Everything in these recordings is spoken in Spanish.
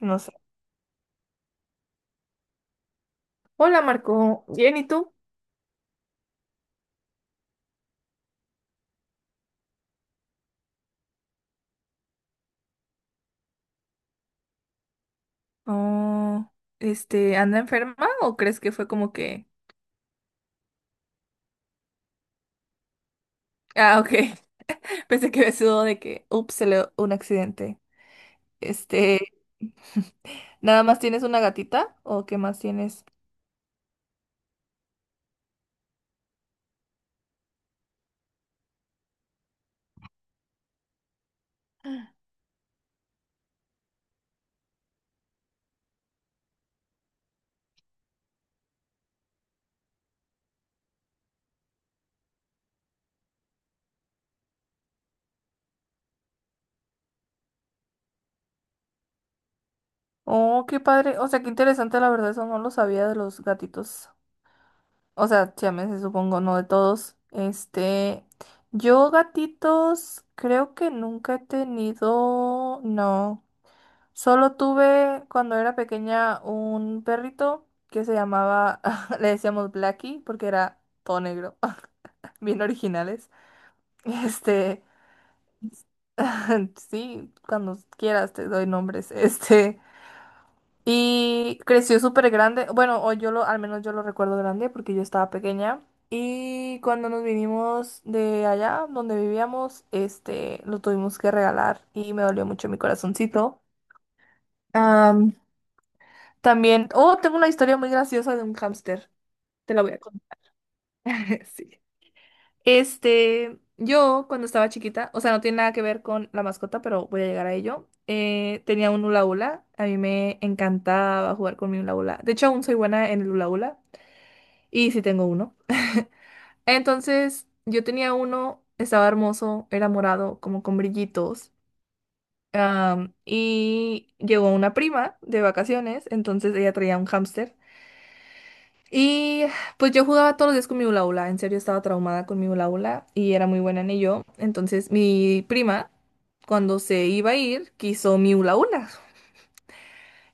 No sé. Hola Marco, bien, ¿y tú? Oh, ¿anda enferma o crees que fue como que... Ah, ok. Pensé que me sudó de que, ups, se le un accidente. Este, ¿nada más tienes una gatita o qué más tienes? Oh, qué padre. O sea, qué interesante, la verdad, eso no lo sabía de los gatitos. O sea, siameses, supongo, no de todos. Este, yo gatitos creo que nunca he tenido, no. Solo tuve cuando era pequeña un perrito que se llamaba, le decíamos Blackie porque era todo negro, bien originales. Este, sí, cuando quieras te doy nombres. Este, y creció súper grande, bueno, o yo lo, al menos yo lo recuerdo grande porque yo estaba pequeña. Y cuando nos vinimos de allá donde vivíamos, este, lo tuvimos que regalar y me dolió mucho mi corazoncito. También, oh, tengo una historia muy graciosa de un hámster. Te la voy a contar. Sí. Este, yo cuando estaba chiquita, o sea, no tiene nada que ver con la mascota, pero voy a llegar a ello. Tenía un hula hula. A mí me encantaba jugar con mi hula hula. De hecho, aún soy buena en el hula hula. Y sí tengo uno. Entonces, yo tenía uno, estaba hermoso, era morado, como con brillitos. Y llegó una prima de vacaciones, entonces ella traía un hámster. Y pues yo jugaba todos los días con mi hula hula, en serio estaba traumada con mi hula hula y era muy buena en ello. Entonces mi prima, cuando se iba a ir, quiso mi hula hula.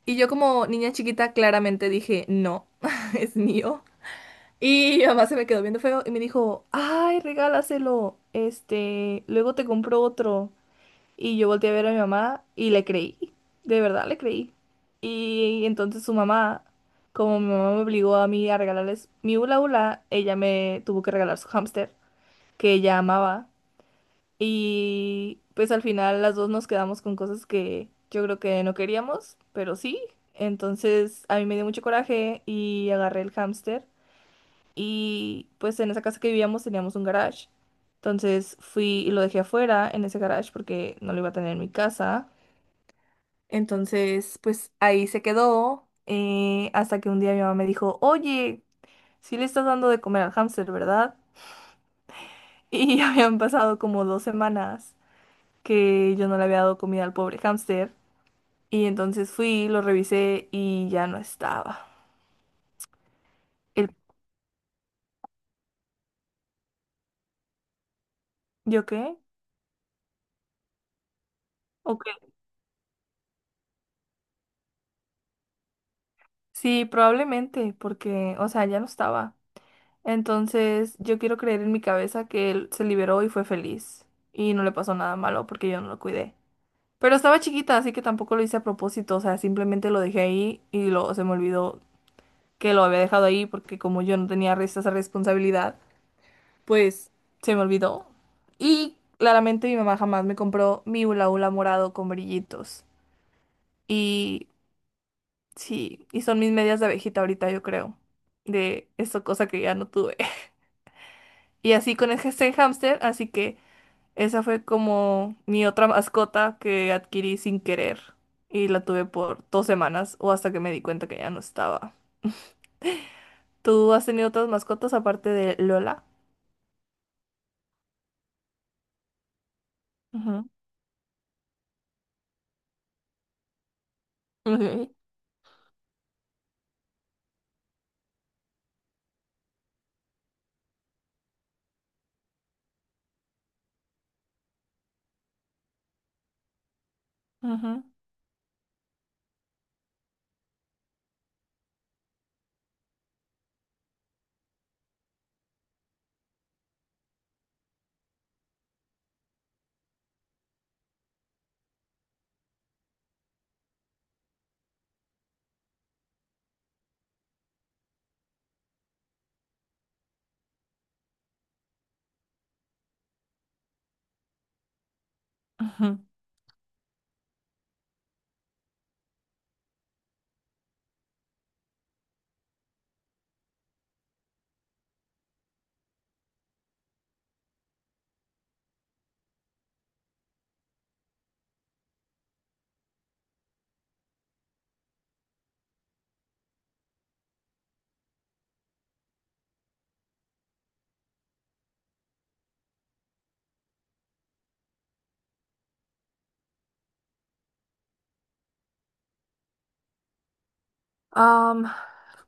Y yo como niña chiquita claramente dije, no, es mío. Y mi mamá se me quedó viendo feo y me dijo, ay, regálaselo, este, luego te compro otro. Y yo volteé a ver a mi mamá y le creí, de verdad le creí. Y entonces su mamá, como mi mamá me obligó a mí a regalarles mi hula hula, ella me tuvo que regalar su hámster, que ella amaba. Y pues al final las dos nos quedamos con cosas que yo creo que no queríamos, pero sí. Entonces a mí me dio mucho coraje y agarré el hámster. Y pues en esa casa que vivíamos teníamos un garage. Entonces fui y lo dejé afuera en ese garage porque no lo iba a tener en mi casa. Entonces, pues ahí se quedó hasta que un día mi mamá me dijo, oye, sí le estás dando de comer al hámster, ¿verdad? Y habían pasado como 2 semanas que yo no le había dado comida al pobre hámster. Y entonces fui, lo revisé y ya no estaba. El, ¿yo qué? ¿O qué? Sí, probablemente, porque, o sea, ya no estaba. Entonces, yo quiero creer en mi cabeza que él se liberó y fue feliz. Y no le pasó nada malo porque yo no lo cuidé. Pero estaba chiquita, así que tampoco lo hice a propósito, o sea, simplemente lo dejé ahí y lo, se me olvidó que lo había dejado ahí porque como yo no tenía esa responsabilidad, pues se me olvidó. Y claramente mi mamá jamás me compró mi hula hula morado con brillitos. Y sí, y son mis medias de abejita ahorita, yo creo, de esa cosa que ya no tuve. Y así con ese hámster, así que... Esa fue como mi otra mascota que adquirí sin querer y la tuve por 2 semanas o hasta que me di cuenta que ya no estaba. ¿Tú has tenido otras mascotas aparte de Lola? Ujú, ok, ujú, ujú. Am,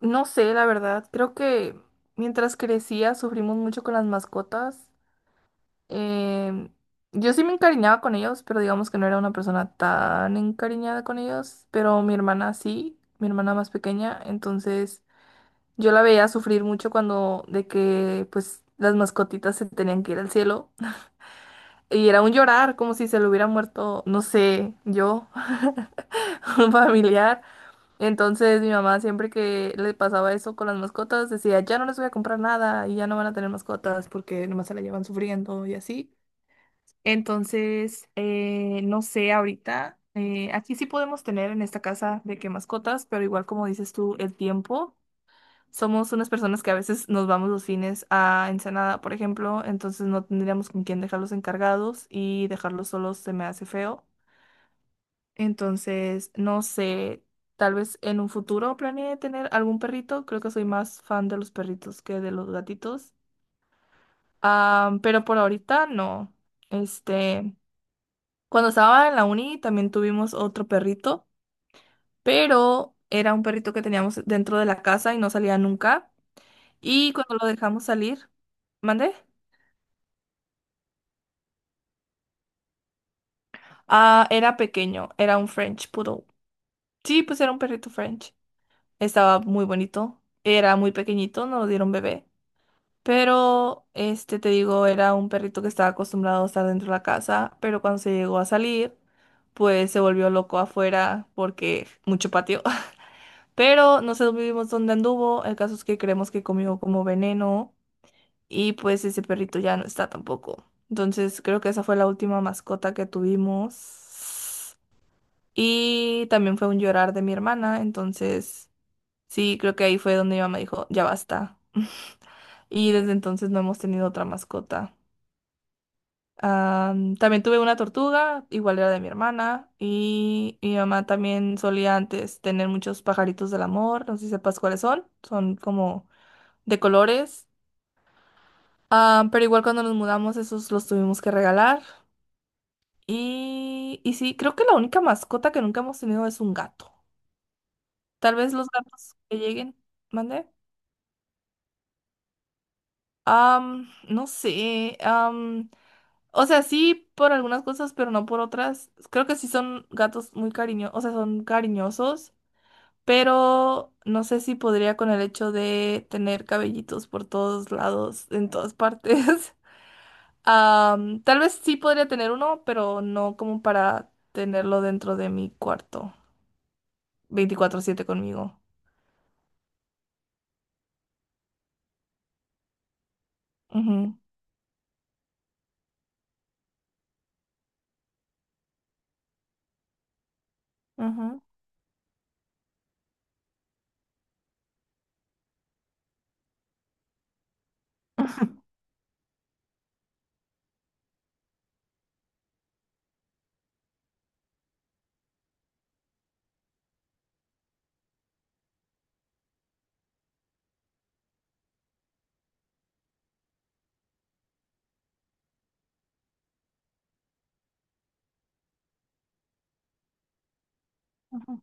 no sé, la verdad. Creo que mientras crecía sufrimos mucho con las mascotas. Em, yo sí me encariñaba con ellos, pero digamos que no era una persona tan encariñada con ellos. Pero mi hermana sí, mi hermana más pequeña, entonces... Yo la veía sufrir mucho cuando de que pues las mascotitas se tenían que ir al cielo y era un llorar como si se le hubiera muerto, no sé, yo, un familiar. Entonces mi mamá siempre que le pasaba eso con las mascotas decía, ya no les voy a comprar nada y ya no van a tener mascotas porque nomás se la llevan sufriendo y así. Entonces, no sé, ahorita aquí sí podemos tener en esta casa de que mascotas, pero igual como dices tú, el tiempo. Somos unas personas que a veces nos vamos los fines a Ensenada, por ejemplo, entonces no tendríamos con quién dejarlos encargados y dejarlos solos se me hace feo. Entonces, no sé, tal vez en un futuro planeé tener algún perrito. Creo que soy más fan de los perritos que de los gatitos. Ah, pero por ahorita no. Este, cuando estaba en la uni también tuvimos otro perrito, pero era un perrito que teníamos dentro de la casa y no salía nunca. Y cuando lo dejamos salir, ¿mandé? Ah, era pequeño, era un French Poodle. Sí, pues era un perrito French. Estaba muy bonito. Era muy pequeñito, no lo dieron bebé. Pero, este, te digo, era un perrito que estaba acostumbrado a estar dentro de la casa, pero cuando se llegó a salir, pues se volvió loco afuera porque mucho patio. Pero no sabemos dónde anduvo. El caso es que creemos que comió como veneno y pues ese perrito ya no está tampoco. Entonces, creo que esa fue la última mascota que tuvimos. Y también fue un llorar de mi hermana, entonces sí, creo que ahí fue donde mi mamá dijo, ya basta. Y desde entonces no hemos tenido otra mascota. Am, también tuve una tortuga, igual era de mi hermana, y mi mamá también solía antes tener muchos pajaritos del amor, no sé si sepas cuáles son, son como de colores. Pero igual cuando nos mudamos esos los tuvimos que regalar. Y sí, creo que la única mascota que nunca hemos tenido es un gato. Tal vez los gatos que lleguen, ¿mande? No sé. O sea, sí por algunas cosas, pero no por otras. Creo que sí son gatos muy cariñosos, o sea, son cariñosos, pero no sé si podría con el hecho de tener cabellitos por todos lados, en todas partes. Am, tal vez sí podría tener uno, pero no como para tenerlo dentro de mi cuarto, 24/7 conmigo. Ujú, ujú, ujú.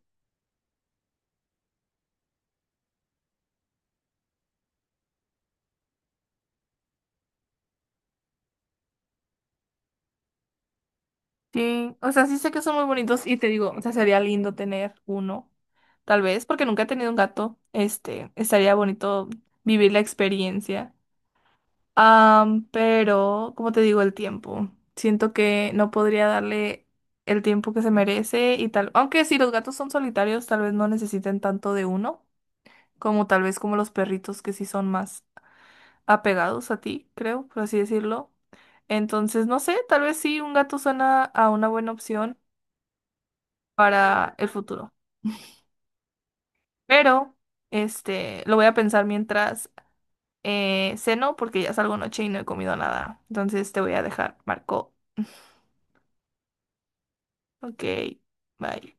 Sí, o sea, sí sé que son muy bonitos y te digo, o sea, sería lindo tener uno, tal vez, porque nunca he tenido un gato, este, estaría bonito vivir la experiencia. Pero, como te digo, el tiempo, siento que no podría darle el tiempo que se merece y tal, aunque si los gatos son solitarios, tal vez no necesiten tanto de uno, como tal vez como los perritos que sí son más apegados a ti, creo, por así decirlo. Entonces, no sé, tal vez sí, un gato suena a una buena opción para el futuro. Pero, este, lo voy a pensar mientras ceno, porque ya salgo noche y no he comido nada. Entonces te voy a dejar, Marco. Ok, bye.